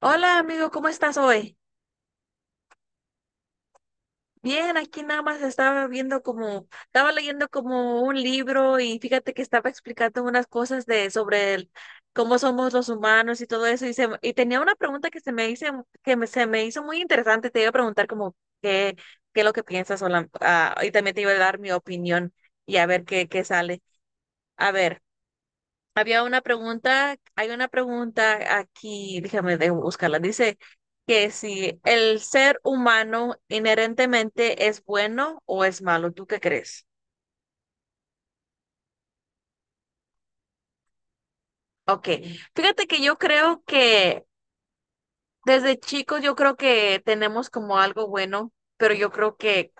Hola amigo, ¿cómo estás hoy? Bien, aquí nada más estaba leyendo como un libro y fíjate que estaba explicando unas cosas de sobre cómo somos los humanos y todo eso. Y tenía una pregunta que se me hizo, se me hizo muy interesante, te iba a preguntar como qué, qué es lo que piensas y también te iba a dar mi opinión y a ver qué sale. A ver. Hay una pregunta aquí, déjame de buscarla. Dice que si el ser humano inherentemente es bueno o es malo, ¿tú qué crees? Ok, fíjate que yo creo que desde chicos yo creo que tenemos como algo bueno, pero yo creo que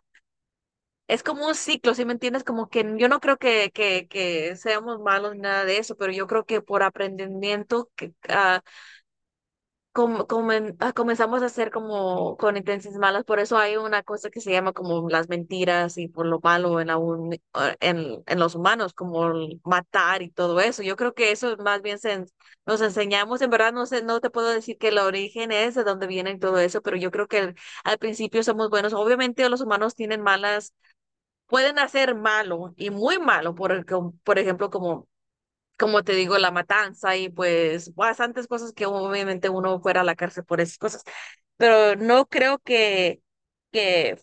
es como un ciclo, ¿sí me entiendes? Como que yo no creo que seamos malos ni nada de eso, pero yo creo que por aprendimiento que comenzamos a hacer como con intenciones malas, por eso hay una cosa que se llama como las mentiras y por lo malo en, la un- ah, en los humanos, como el matar y todo eso. Yo creo que eso más bien nos enseñamos, en verdad no sé, no te puedo decir que el origen es de dónde viene y todo eso, pero yo creo que al principio somos buenos. Obviamente los humanos tienen malas, pueden hacer malo y muy malo, por ejemplo, como te digo, la matanza y pues bastantes cosas que obviamente uno fuera a la cárcel por esas cosas. Pero no creo que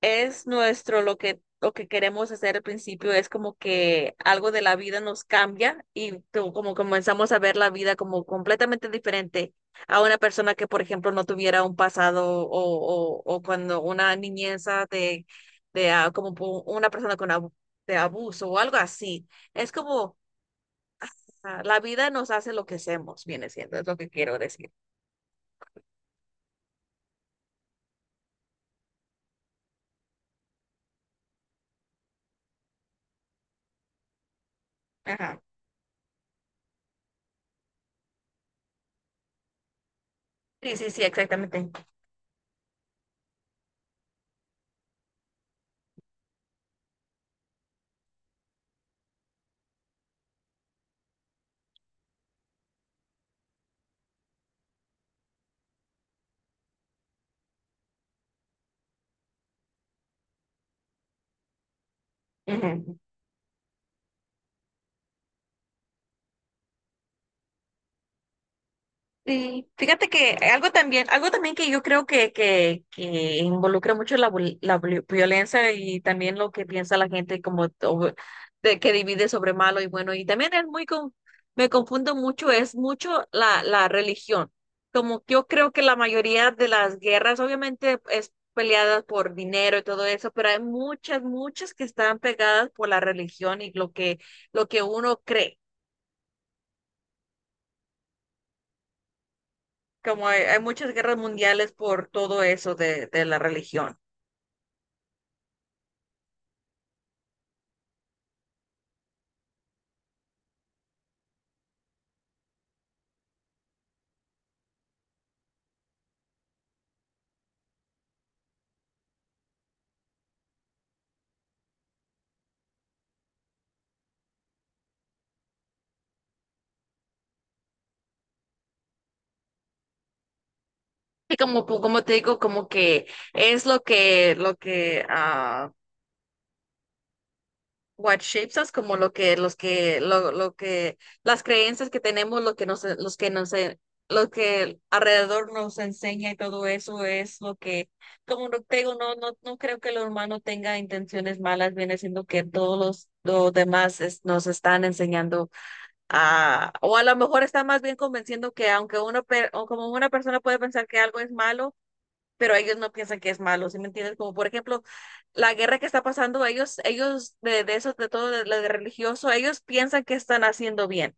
es nuestro lo que queremos hacer al principio, es como que algo de la vida nos cambia y como comenzamos a ver la vida como completamente diferente a una persona que, por ejemplo, no tuviera un pasado o, o cuando una niñeza de una persona de abuso o algo así. Es como la vida nos hace lo que hacemos, viene siendo, es lo que quiero decir. Ajá. Sí, sí, sí, exactamente. Ujú. Sí, fíjate que algo también que yo creo que involucra mucho la violencia y también lo que piensa la gente de que divide sobre malo y bueno, y también me confundo mucho, es mucho la religión. Como que yo creo que la mayoría de las guerras obviamente es peleadas por dinero y todo eso, pero hay muchas, muchas que están pegadas por la religión y lo que uno cree. Como hay muchas guerras mundiales por todo eso de la religión. Y como te digo, como que es lo que, what shapes us, como lo que, los que, lo que, las creencias que tenemos, lo que alrededor nos enseña y todo eso es lo que, como no te digo, no creo que el humano tenga intenciones malas, viene siendo que todos los demás nos están enseñando. O a lo mejor está más bien convenciendo que aunque uno, per o como una persona puede pensar que algo es malo, pero ellos no piensan que es malo, ¿sí me entiendes? Como por ejemplo, la guerra que está pasando, ellos de eso, de todo lo de religioso, ellos piensan que están haciendo bien.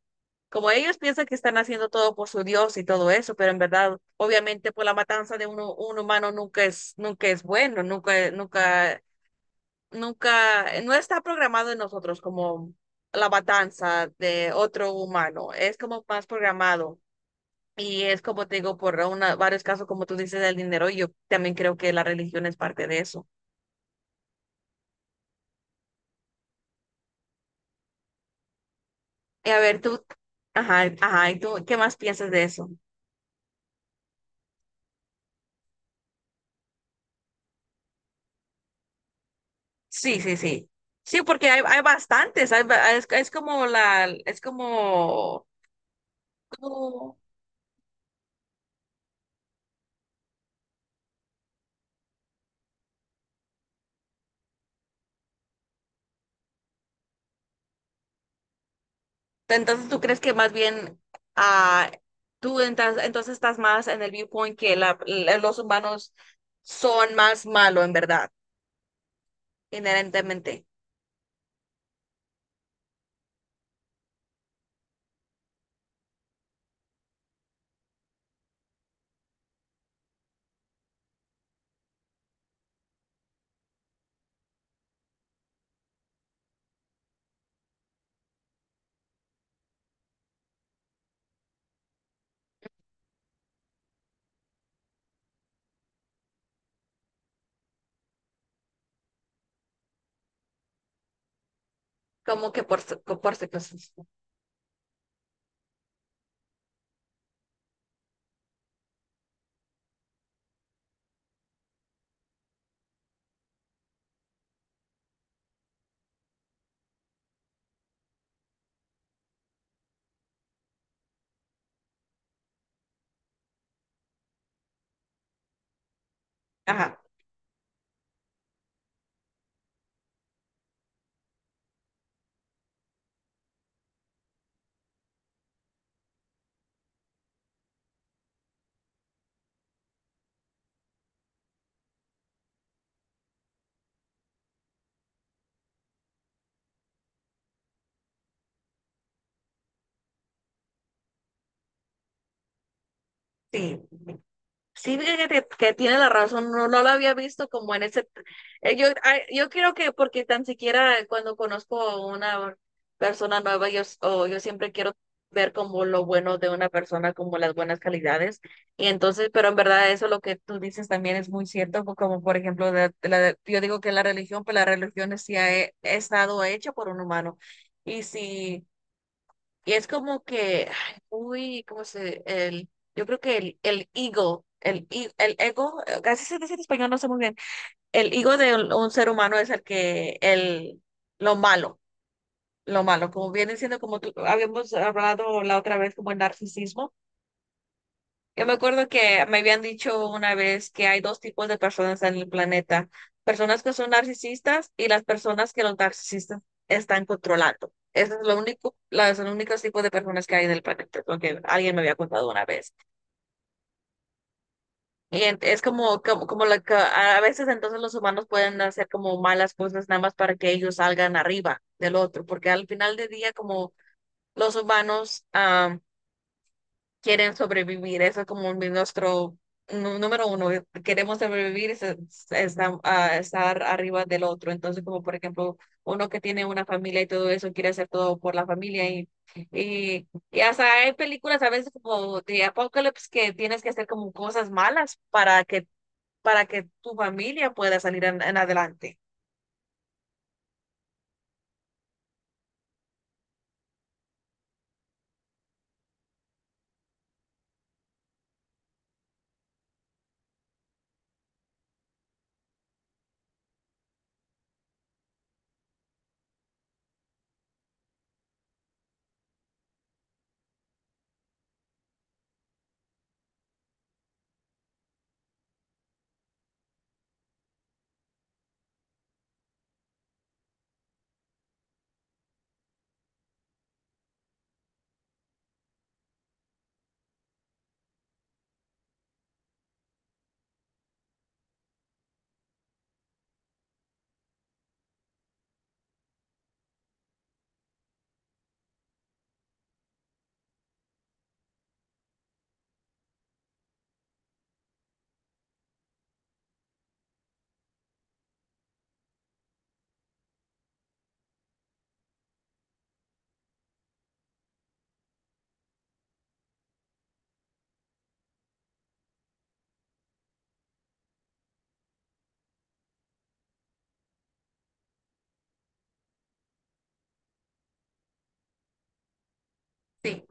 Como ellos piensan que están haciendo todo por su Dios y todo eso, pero en verdad, obviamente, por la matanza de uno, un humano nunca es bueno, nunca, nunca nunca, no está programado en nosotros como la matanza de otro humano, es como más programado. Y es como te digo, por varios casos, como tú dices, del dinero, y yo también creo que la religión es parte de eso. Y a ver, tú, ajá, ajá, ¿y tú qué más piensas de eso? Sí, sí, sí. Sí, porque hay bastantes, es como la, es como, como entonces, ¿tú crees que más bien ah, entonces estás más en el viewpoint que los humanos son más malos en verdad, inherentemente, como que por ser cosas? Ajá, sí. Sí, fíjate que tiene la razón, no lo había visto como en ese. Yo creo que porque tan siquiera cuando conozco a una persona nueva, yo, s- o yo siempre quiero ver como lo bueno de una persona, como las buenas calidades. Y entonces, pero en verdad eso lo que tú dices también es muy cierto, como por ejemplo, yo digo que la religión, pues la religión sí ha estado hecha por un humano. Y si y es como que, ay, uy, yo creo que el ego, casi se dice en español, no sé muy bien, el ego de un ser humano es lo malo, lo malo, como viene siendo como habíamos hablado la otra vez, como el narcisismo yo me acuerdo que me habían dicho una vez que hay dos tipos de personas en el planeta, personas que son narcisistas y las personas que los narcisistas están controlando. Ese es lo único, son los únicos tipos de personas que hay en el planeta, es lo que alguien me había contado una vez. Es como a veces entonces los humanos pueden hacer como malas cosas nada más para que ellos salgan arriba del otro, porque al final del día como los humanos quieren sobrevivir. Eso es como nuestro número uno. Queremos sobrevivir y a estar arriba del otro. Entonces, como por ejemplo, uno que tiene una familia y todo eso, quiere hacer todo por la familia. Y hasta hay películas a veces como de Apocalypse que tienes que hacer como cosas malas para que, tu familia pueda salir en adelante. Sí,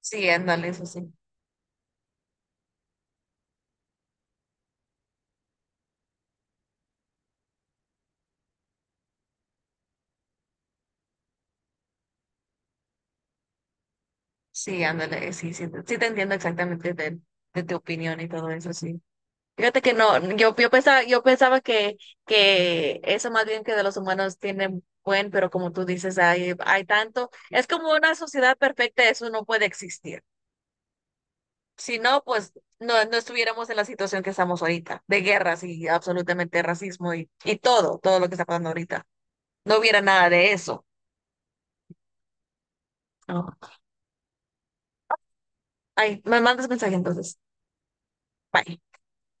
sí, ándale, eso sí. Sí, ándale, sí, sí, sí te entiendo exactamente de tu opinión y todo eso, sí. Fíjate que no, yo pensaba que eso más bien que de los humanos tiene buen, pero como tú dices, hay tanto, es como una sociedad perfecta, eso no puede existir. Si no, pues no estuviéramos en la situación que estamos ahorita, de guerras y absolutamente racismo y todo, todo lo que está pasando ahorita. No hubiera nada de eso. No. Ay, me mandas mensaje entonces. Bye.